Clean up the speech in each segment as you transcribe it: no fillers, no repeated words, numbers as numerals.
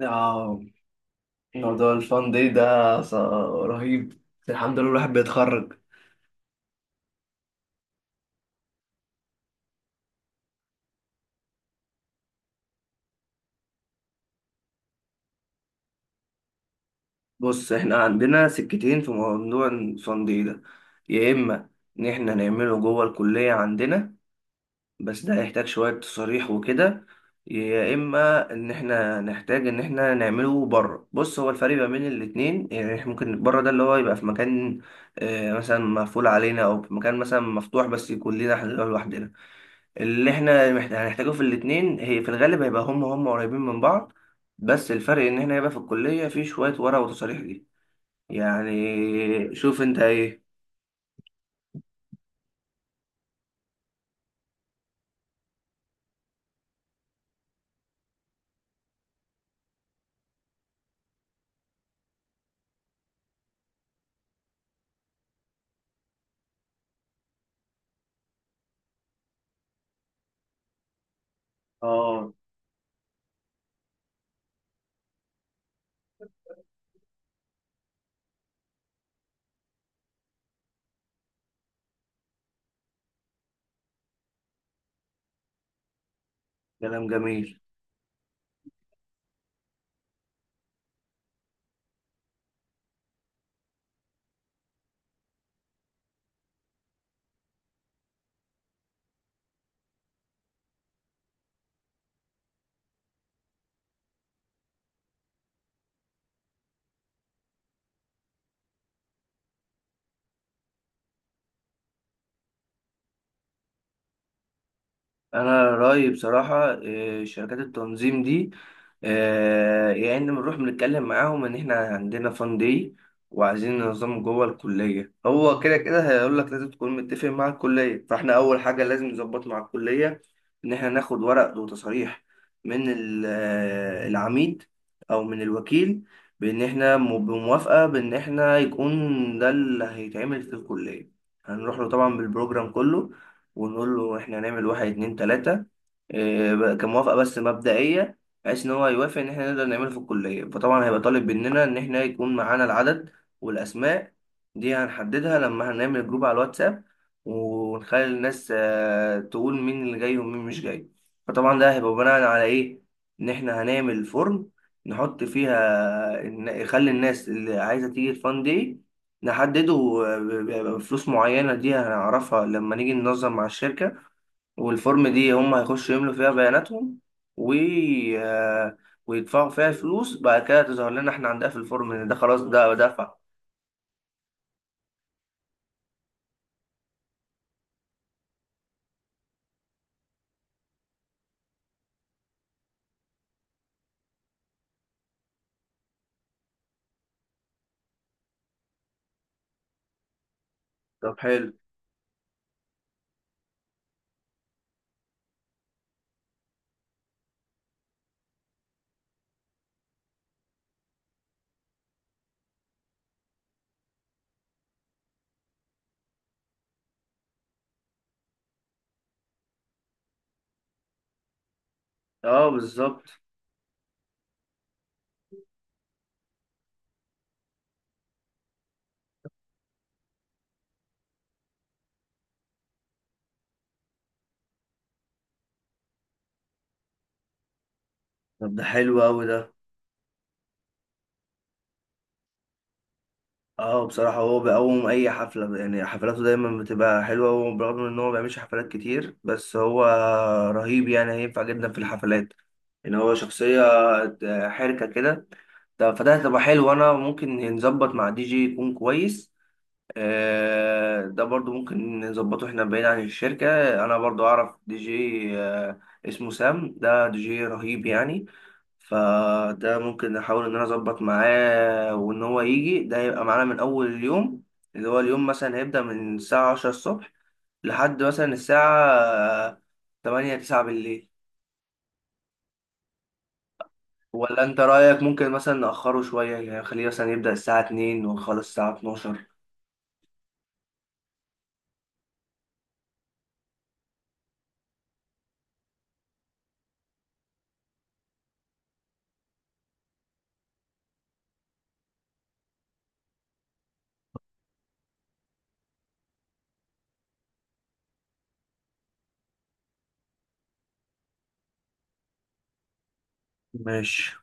اه. موضوع الفان دي ده رهيب. بس الحمد لله الواحد بيتخرج. بص، احنا عندنا سكتين في موضوع الفان دي ده. يا اما ان احنا نعمله جوه الكلية عندنا، بس ده هيحتاج شوية تصاريح وكده، يا اما ان احنا نحتاج ان احنا نعمله بره. بص، هو الفرق ما بين الاتنين يعني احنا ممكن بره ده اللي هو يبقى في مكان مثلا مقفول علينا، او في مكان مثلا مفتوح بس يكون لنا احنا لوحدنا. اللي احنا هنحتاجه في الاتنين، هي في الغالب هيبقى هم قريبين من بعض. بس الفرق ان احنا هيبقى في الكلية في شوية ورق وتصاريح دي. يعني شوف انت ايه. اه، كلام جميل. انا رايي بصراحه، شركات التنظيم دي، يا ان بنروح بنتكلم معاهم ان احنا عندنا فان داي وعايزين ننظمه جوه الكليه. هو كده كده هيقول لك لازم تكون متفق مع الكليه، فاحنا اول حاجه لازم نظبط مع الكليه ان احنا ناخد ورق وتصريح من العميد او من الوكيل، بان احنا بموافقه، بان احنا يكون ده اللي هيتعمل في الكليه. هنروح له طبعا بالبروجرام كله، ونقول له احنا هنعمل واحد اتنين تلاتة، بقى كموافقة بس مبدئية، بحيث ان هو يوافق ان احنا نقدر نعمله في الكلية. فطبعا هيبقى طالب مننا ان احنا يكون معانا العدد والاسماء. دي هنحددها لما هنعمل جروب على الواتساب، ونخلي الناس تقول مين اللي جاي ومين مش جاي. فطبعا ده هيبقى بناء على ايه؟ ان احنا هنعمل فورم نحط فيها يخلي الناس اللي عايزة تيجي الفان دي نحدده، بفلوس معينة دي هنعرفها لما نيجي ننظم مع الشركة. والفورم دي هم هيخشوا يملوا فيها بياناتهم و آه، ويدفعوا فيها فلوس. بعد كده تظهر لنا احنا عندنا في الفورم ان ده خلاص ده دفع. طب حلو. اه، بالظبط. طب ده حلو اوي ده. اه، بصراحة هو بيقوم أي حفلة. يعني حفلاته دايما بتبقى حلوة، وبرغم إن هو ما بيعملش حفلات كتير بس هو رهيب. يعني هينفع جدا في الحفلات، إن هو شخصية حركة كده. فده هتبقى حلو. أنا ممكن نظبط مع دي جي يكون كويس. ده برضو ممكن نظبطه احنا بعيد عن الشركة. انا برضو اعرف دي جي، اسمه سام. ده دي جي رهيب يعني. فده ممكن نحاول ان انا اظبط معاه وان هو يجي. ده يبقى معانا من اول اليوم، اللي هو اليوم مثلا هيبدأ من الساعة 10 الصبح لحد مثلا الساعة آه، تمانية تسعة بالليل. ولا انت رأيك ممكن مثلا نأخره شوية؟ يعني خليه مثلا يبدأ الساعة 2 ونخلص الساعة 12. ماشي.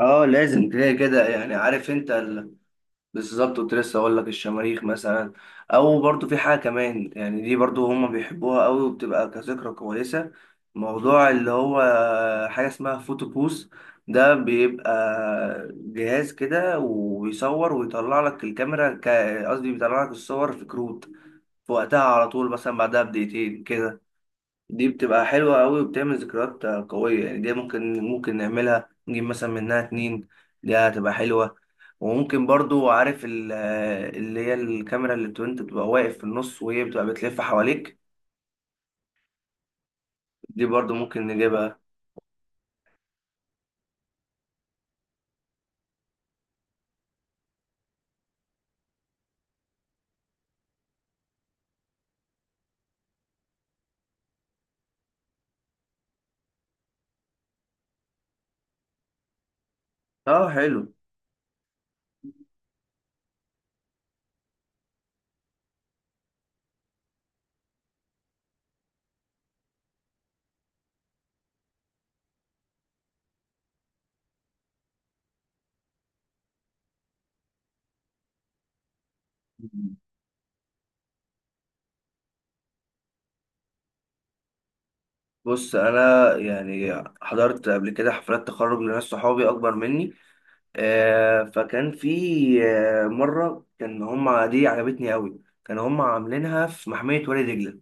اه، لازم كده كده يعني، عارف انت. بالظبط، كنت لسه اقول لك الشماريخ مثلا، او برضو في حاجه كمان يعني دي برضو هما بيحبوها قوي وبتبقى كذكرى كويسه. موضوع اللي هو حاجه اسمها فوتو بوس. ده بيبقى جهاز كده ويصور ويطلع لك الكاميرا، قصدي بيطلع لك الصور في كروت في وقتها على طول، مثلا بعدها بدقيقتين كده. دي بتبقى حلوة أوي وبتعمل ذكريات قوية. يعني دي ممكن نعملها، نجيب مثلا منها اتنين. دي هتبقى حلوة. وممكن برضو، عارف اللي هي الكاميرا، اللي بتبقى انت بتبقى واقف في النص وهي بتبقى بتلف حواليك. دي برضو ممكن نجيبها. اه، حلو. بص، انا يعني حضرت قبل كده حفلات تخرج لناس صحابي اكبر مني. فكان في مرة، كان هما دي عجبتني أوي. كانوا هما عاملينها في محمية وادي دجلة،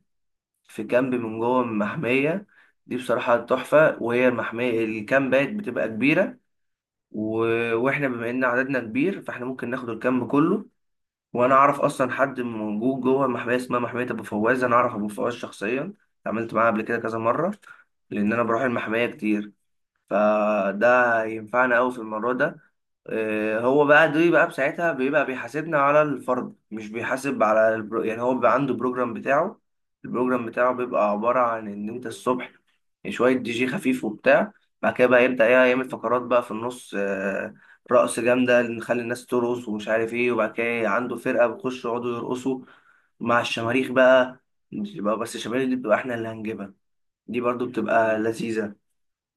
في كامب من جوه المحمية. دي بصراحة تحفة. وهي المحمية الكامبات بتبقى كبيرة. و... واحنا بما ان عددنا كبير، فاحنا ممكن ناخد الكامب كله. وانا اعرف اصلا حد موجود جوه المحمية اسمها محمية ابو فواز. انا اعرف ابو فواز شخصيا، اتعاملت معاه قبل كده كذا مرة، لان انا بروح المحمية كتير. فده ينفعنا قوي في الموضوع ده. هو بقى دي بقى بساعتها بيبقى بيحاسبنا على الفرد، مش بيحاسب على يعني هو بيبقى عنده بروجرام بتاعه. البروجرام بتاعه بيبقى عبارة عن إن أنت الصبح شوية دي جي خفيف وبتاع. بعد كده بقى يبدأ، يعمل فقرات بقى في النص. رقص جامدة نخلي الناس ترقص ومش عارف إيه. وبعد كده عنده فرقة بتخش يقعدوا يرقصوا مع الشماريخ بقى. بس الشماريخ دي بتبقى إحنا اللي هنجيبها. دي برضو بتبقى لذيذة.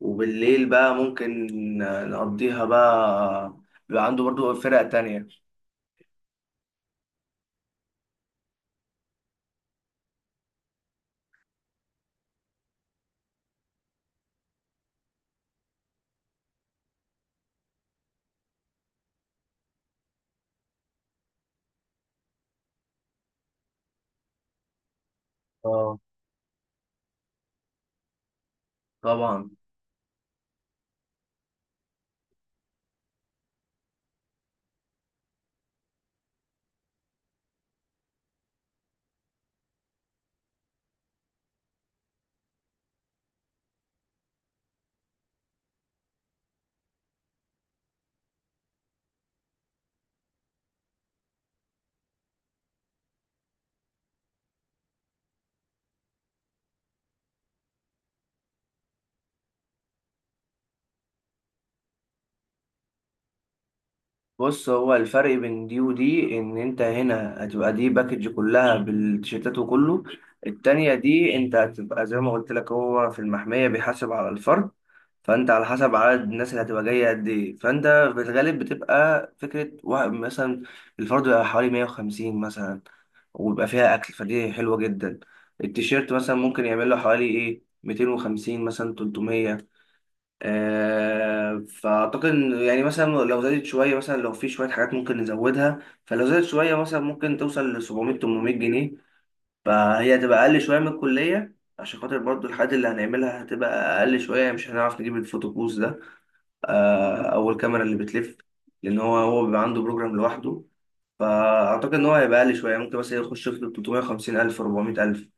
وبالليل بقى ممكن نقضيها بقى. بيبقى عنده برضو فرق تانية. اه، طبعا. بص، هو الفرق بين دي ودي ان انت هنا هتبقى دي باكج كلها بالتيشيرتات وكله. التانية دي انت هتبقى زي ما قلت لك، هو في المحمية بيحاسب على الفرد. فانت على حسب عدد الناس اللي هتبقى جاية قد ايه. فانت في الغالب بتبقى فكرة واحد مثلا، الفرد بيبقى حوالي 150 مثلا، ويبقى فيها اكل، فدي حلوة جدا. التيشيرت مثلا ممكن يعمل له حوالي ايه 250 مثلا 300. فأعتقد إن يعني مثلا لو زادت شوية، مثلا لو في شوية حاجات ممكن نزودها. فلو زادت شوية مثلا ممكن توصل ل 700 800 جنيه. فهي هتبقى أقل شوية من الكلية، عشان خاطر برضو الحاجات اللي هنعملها هتبقى أقل شوية. مش هنعرف نجيب الفوتوكوز ده، أو الكاميرا اللي بتلف، لأن هو بيبقى عنده بروجرام لوحده. فأعتقد إن هو هيبقى أقل شوية، ممكن مثلا يخش في 350 ألف 400 ألف.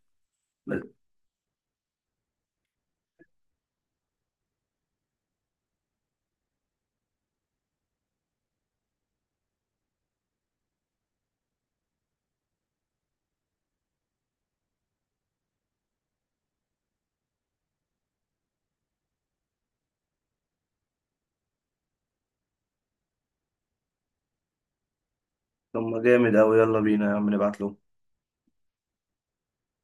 طب ما جامد أوي، يلا بينا يا عم، نبعت له.